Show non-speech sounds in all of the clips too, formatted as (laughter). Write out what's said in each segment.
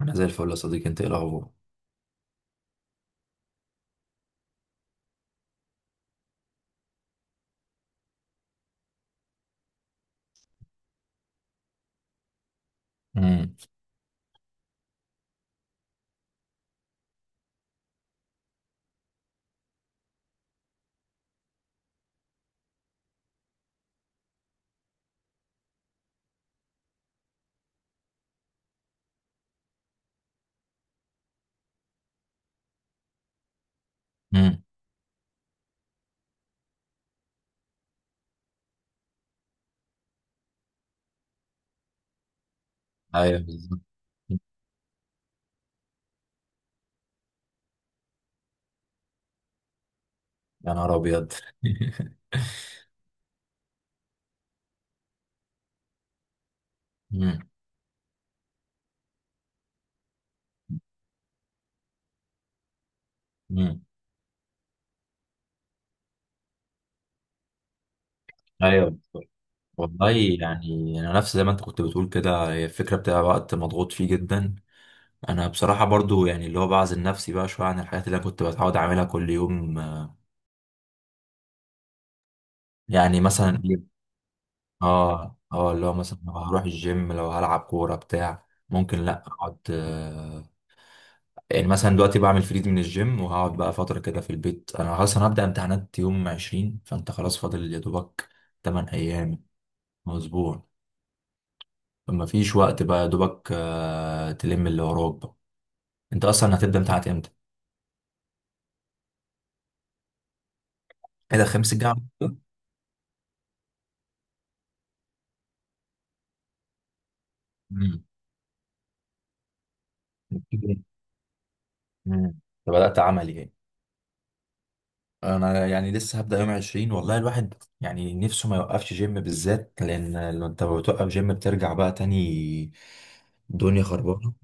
انا زي الفل يا صديقي، انت ايه الاخبار؟ امم. امم. ايوه بالظبط. يا نهار ابيض. (laughs) امم. امم. ايوه بالظبط. والله، يعني انا نفس زي ما انت كنت بتقول كده، هي الفكره بتاع وقت مضغوط فيه جدا. انا بصراحه برضو يعني اللي هو بعزل نفسي بقى شويه عن الحاجات اللي انا كنت بتعود اعملها كل يوم. يعني مثلا (laughs) ايه، اه اللي هو مثلا لو هروح الجيم لو هلعب كوره بتاع ممكن لا اقعد. يعني مثلا دلوقتي بعمل فريد من الجيم وهقعد بقى فترة كده في البيت، أنا خلاص أنا هبدأ امتحانات يوم 20، فأنت خلاص فاضل يا دوبك 8 أيام أو أسبوع. فمفيش وقت بقى يا دوبك، تلم اللي وراك بقى. أنت أصلا هتبدأ امتحانات إمتى؟ ايه ده خميس الجاي على طول؟ امم. امم. بدأت عملي يعني. انا يعني لسه هبدأ يوم 20، والله الواحد يعني نفسه ما يوقفش جيم بالذات، لان لو انت بتوقف جيم بترجع بقى تاني، دنيا خربانة.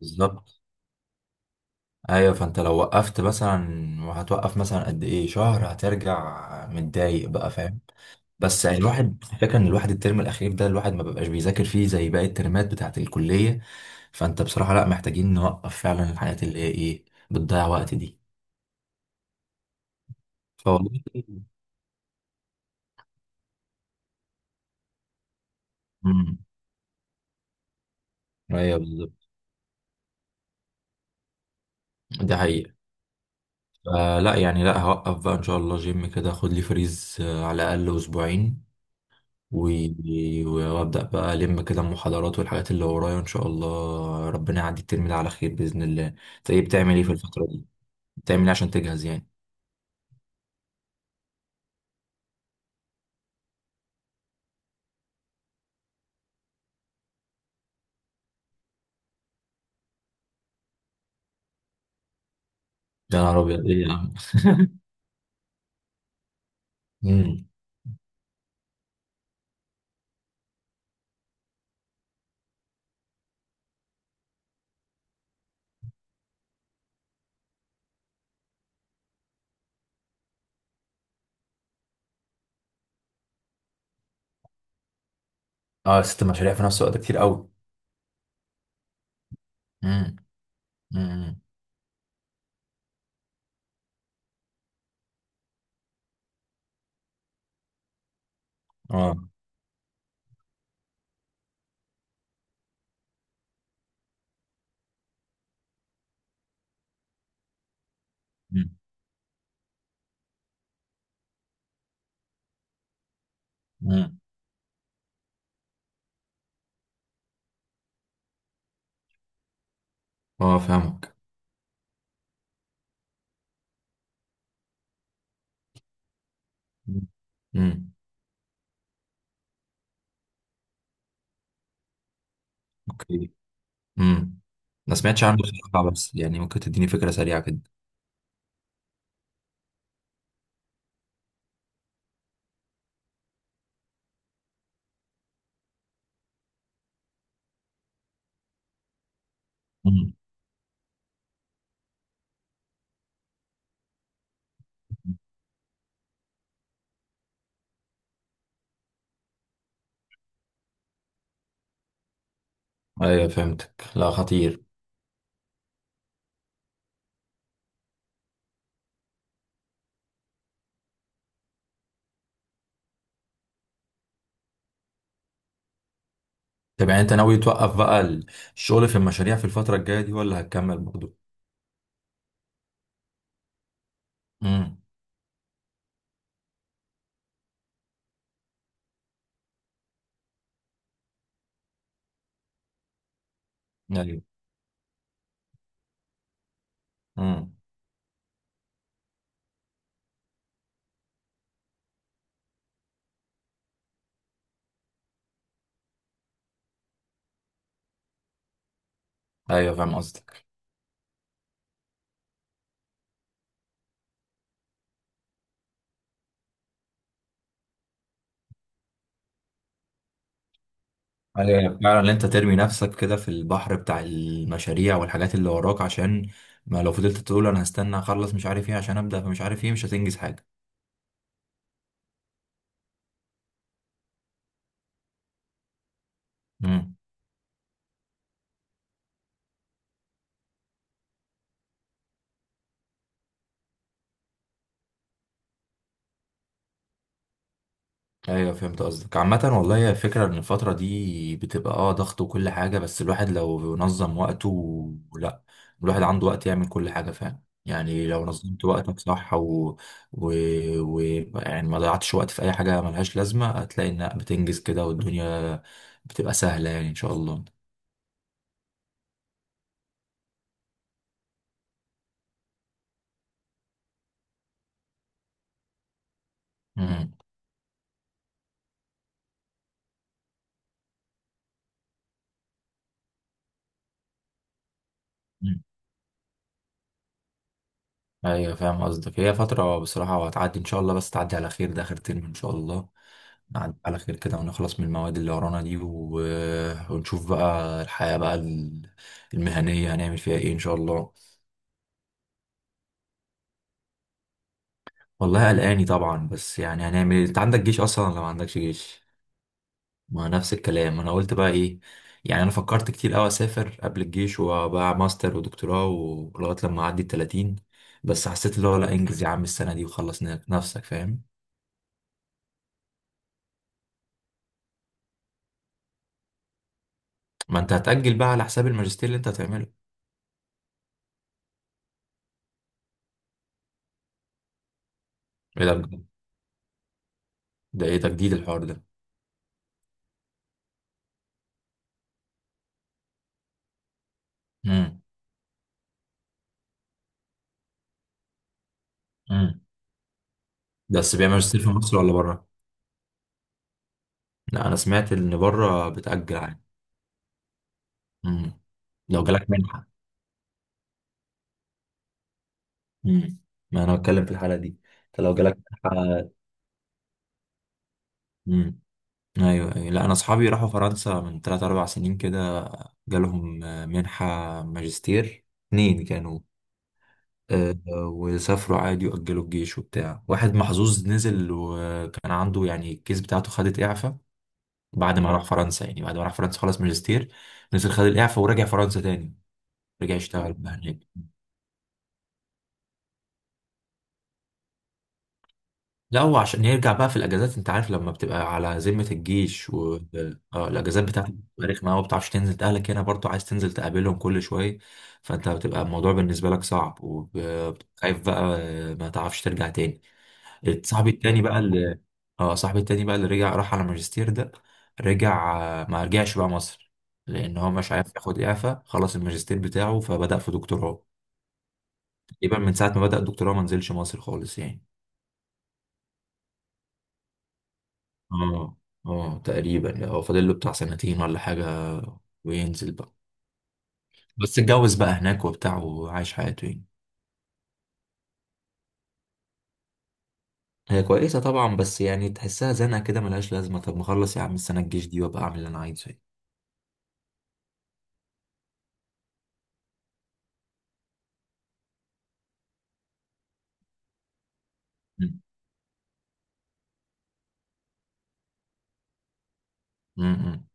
بالظبط. ايوه، فانت لو وقفت مثلا وهتوقف مثلا قد ايه شهر، هترجع متضايق بقى فاهم. بس يعني الواحد، الفكره ان الواحد الترم الاخير ده الواحد ما بيبقاش بيذاكر فيه زي باقي الترمات بتاعه الكليه. فانت بصراحه لا، محتاجين نوقف فعلا الحاجات اللي هي ايه، بتضيع وقت دي. فوالله. امم. ايوه بالظبط، ده حقيقه. فلا يعني لا، هوقف بقى ان شاء الله جيم كده، خد لي فريز على الاقل اسبوعين. وابدا بقى الم كده المحاضرات والحاجات اللي ورايا، ان شاء الله ربنا يعدي الترم ده على خير باذن الله. انت ايه بتعمل، ايه في الفتره دي، بتعمل ايه عشان تجهز يعني؟ يا نهار ابيض، ايه يا عم. امم. اه، ست مشاريع في نفس الوقت كتير قوي. امم. امم. اه. امم. امم. اه فاهمك. امم. اوكي. امم. ما سمعتش عنه بصراحه، بس يعني ممكن تديني فكره سريعه كده. امم. ايوه فهمتك، لا خطير. طب يعني انت ناوي توقف بقى الشغل في المشاريع في الفترة الجاية دي ولا هتكمل برضه؟ امم. ايوه. امم. ايوه فاهم قصدك. ايوه، يعني فعلا ان انت ترمي نفسك كده في البحر بتاع المشاريع والحاجات اللي وراك، عشان ما لو فضلت تقول انا هستنى اخلص مش عارف ايه عشان ابدا فمش عارف ايه، مش هتنجز حاجة. امم. ايوه فهمت قصدك. عامة والله هي الفكرة ان الفترة دي بتبقى اه ضغط وكل حاجة، بس الواحد لو نظم وقته لا، الواحد عنده وقت يعمل كل حاجة فعلا. يعني لو نظمت وقتك صح و... و... و... يعني ما ضيعتش وقت في اي حاجة ملهاش لازمة، هتلاقي انك بتنجز كده والدنيا بتبقى سهلة يعني ان شاء الله. مم. ايوه فاهم قصدك، هي فترة بصراحة وهتعدي ان شاء الله، بس تعدي على خير ده اخر ترم ان شاء الله. نعدي على خير كده ونخلص من المواد اللي ورانا دي و... ونشوف بقى الحياة بقى المهنية هنعمل فيها ايه ان شاء الله. والله قلقاني طبعا، بس يعني هنعمل ايه. انت عندك جيش اصلا ولا ما عندكش جيش؟ ما نفس الكلام، انا قلت بقى ايه، يعني انا فكرت كتير قوي اسافر قبل الجيش وبقى ماستر ودكتوراه ولغاية لما اعدي ال 30، بس حسيت اللي هو لا انجز يا عم السنة دي وخلص نفسك فاهم. ما انت هتأجل بقى على حساب الماجستير اللي انت هتعمله. ايه ده بجد؟ ده ايه تجديد الحوار ده؟ امم. امم. بس بيعمل ماجستير في مصر ولا بره؟ لا انا سمعت ان بره بتأجل عادي. امم. لو جالك منحة. امم. ما انا بتكلم في الحالة دي. انت لو جالك منحة. امم. ايوه ايوه، لا انا اصحابي راحوا فرنسا من 3 4 سنين كده، جالهم منحة ماجستير اتنين كانوا. وسافروا عادي واجلوا الجيش وبتاع، واحد محظوظ نزل وكان عنده يعني الكيس بتاعته خدت اعفاء. بعد ما راح فرنسا خلص ماجستير، نزل خد الإعفاء ورجع فرنسا تاني، رجع يشتغل بقى هناك. لا هو عشان يرجع بقى في الأجازات، أنت عارف لما بتبقى على ذمة الجيش و آه الأجازات بتاعتك بتبقى رخمة أوي، ما بتعرفش تنزل أهلك هنا برضه عايز تنزل تقابلهم كل شوية. فأنت بتبقى الموضوع بالنسبة لك صعب وخايف بقى، ما تعرفش ترجع تاني. صاحبي التاني بقى اللي اه صاحبي التاني بقى اللي رجع راح على ماجستير ده، رجع ما رجعش بقى مصر لان هو مش عارف ياخد اعفاء، خلص الماجستير بتاعه فبدأ في دكتوراه. تقريبا من ساعة ما بدأ الدكتوراه ما نزلش مصر خالص يعني. اه اه تقريبا يعني هو فاضل له بتاع سنتين ولا حاجة وينزل بقى. بس اتجوز بقى هناك وبتاع وعايش حياته يعني. هي كويسة طبعا، بس يعني تحسها زنقة كده ملهاش لازمة، طب ما اخلص يا عم السنة الجيش دي وابقى اعمل اللي انا عايزه يعني. م- م- م-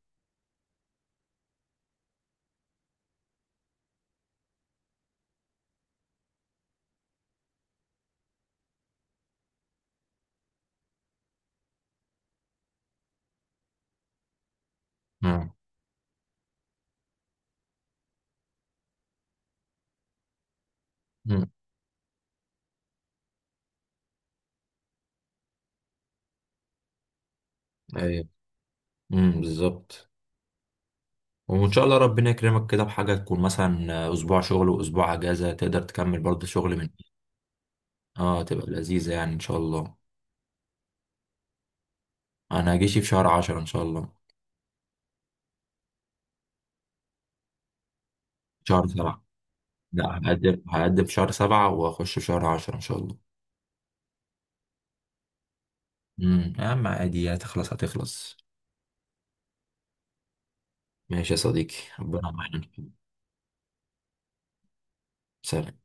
م- م. ايوه. بالظبط. وان شاء الله ربنا يكرمك كده بحاجه تكون مثلا اسبوع شغل واسبوع اجازه، تقدر تكمل برضه شغل من، اه تبقى لذيذه يعني ان شاء الله. انا هجيش في شهر عشرة ان شاء الله. شهر سبعة. لا هقدم في شهر سبعة واخش في شهر عشرة ان شاء الله. يا عم عادي، هتخلص هتخلص. ماشي يا صديقي ربنا معاك. سلام.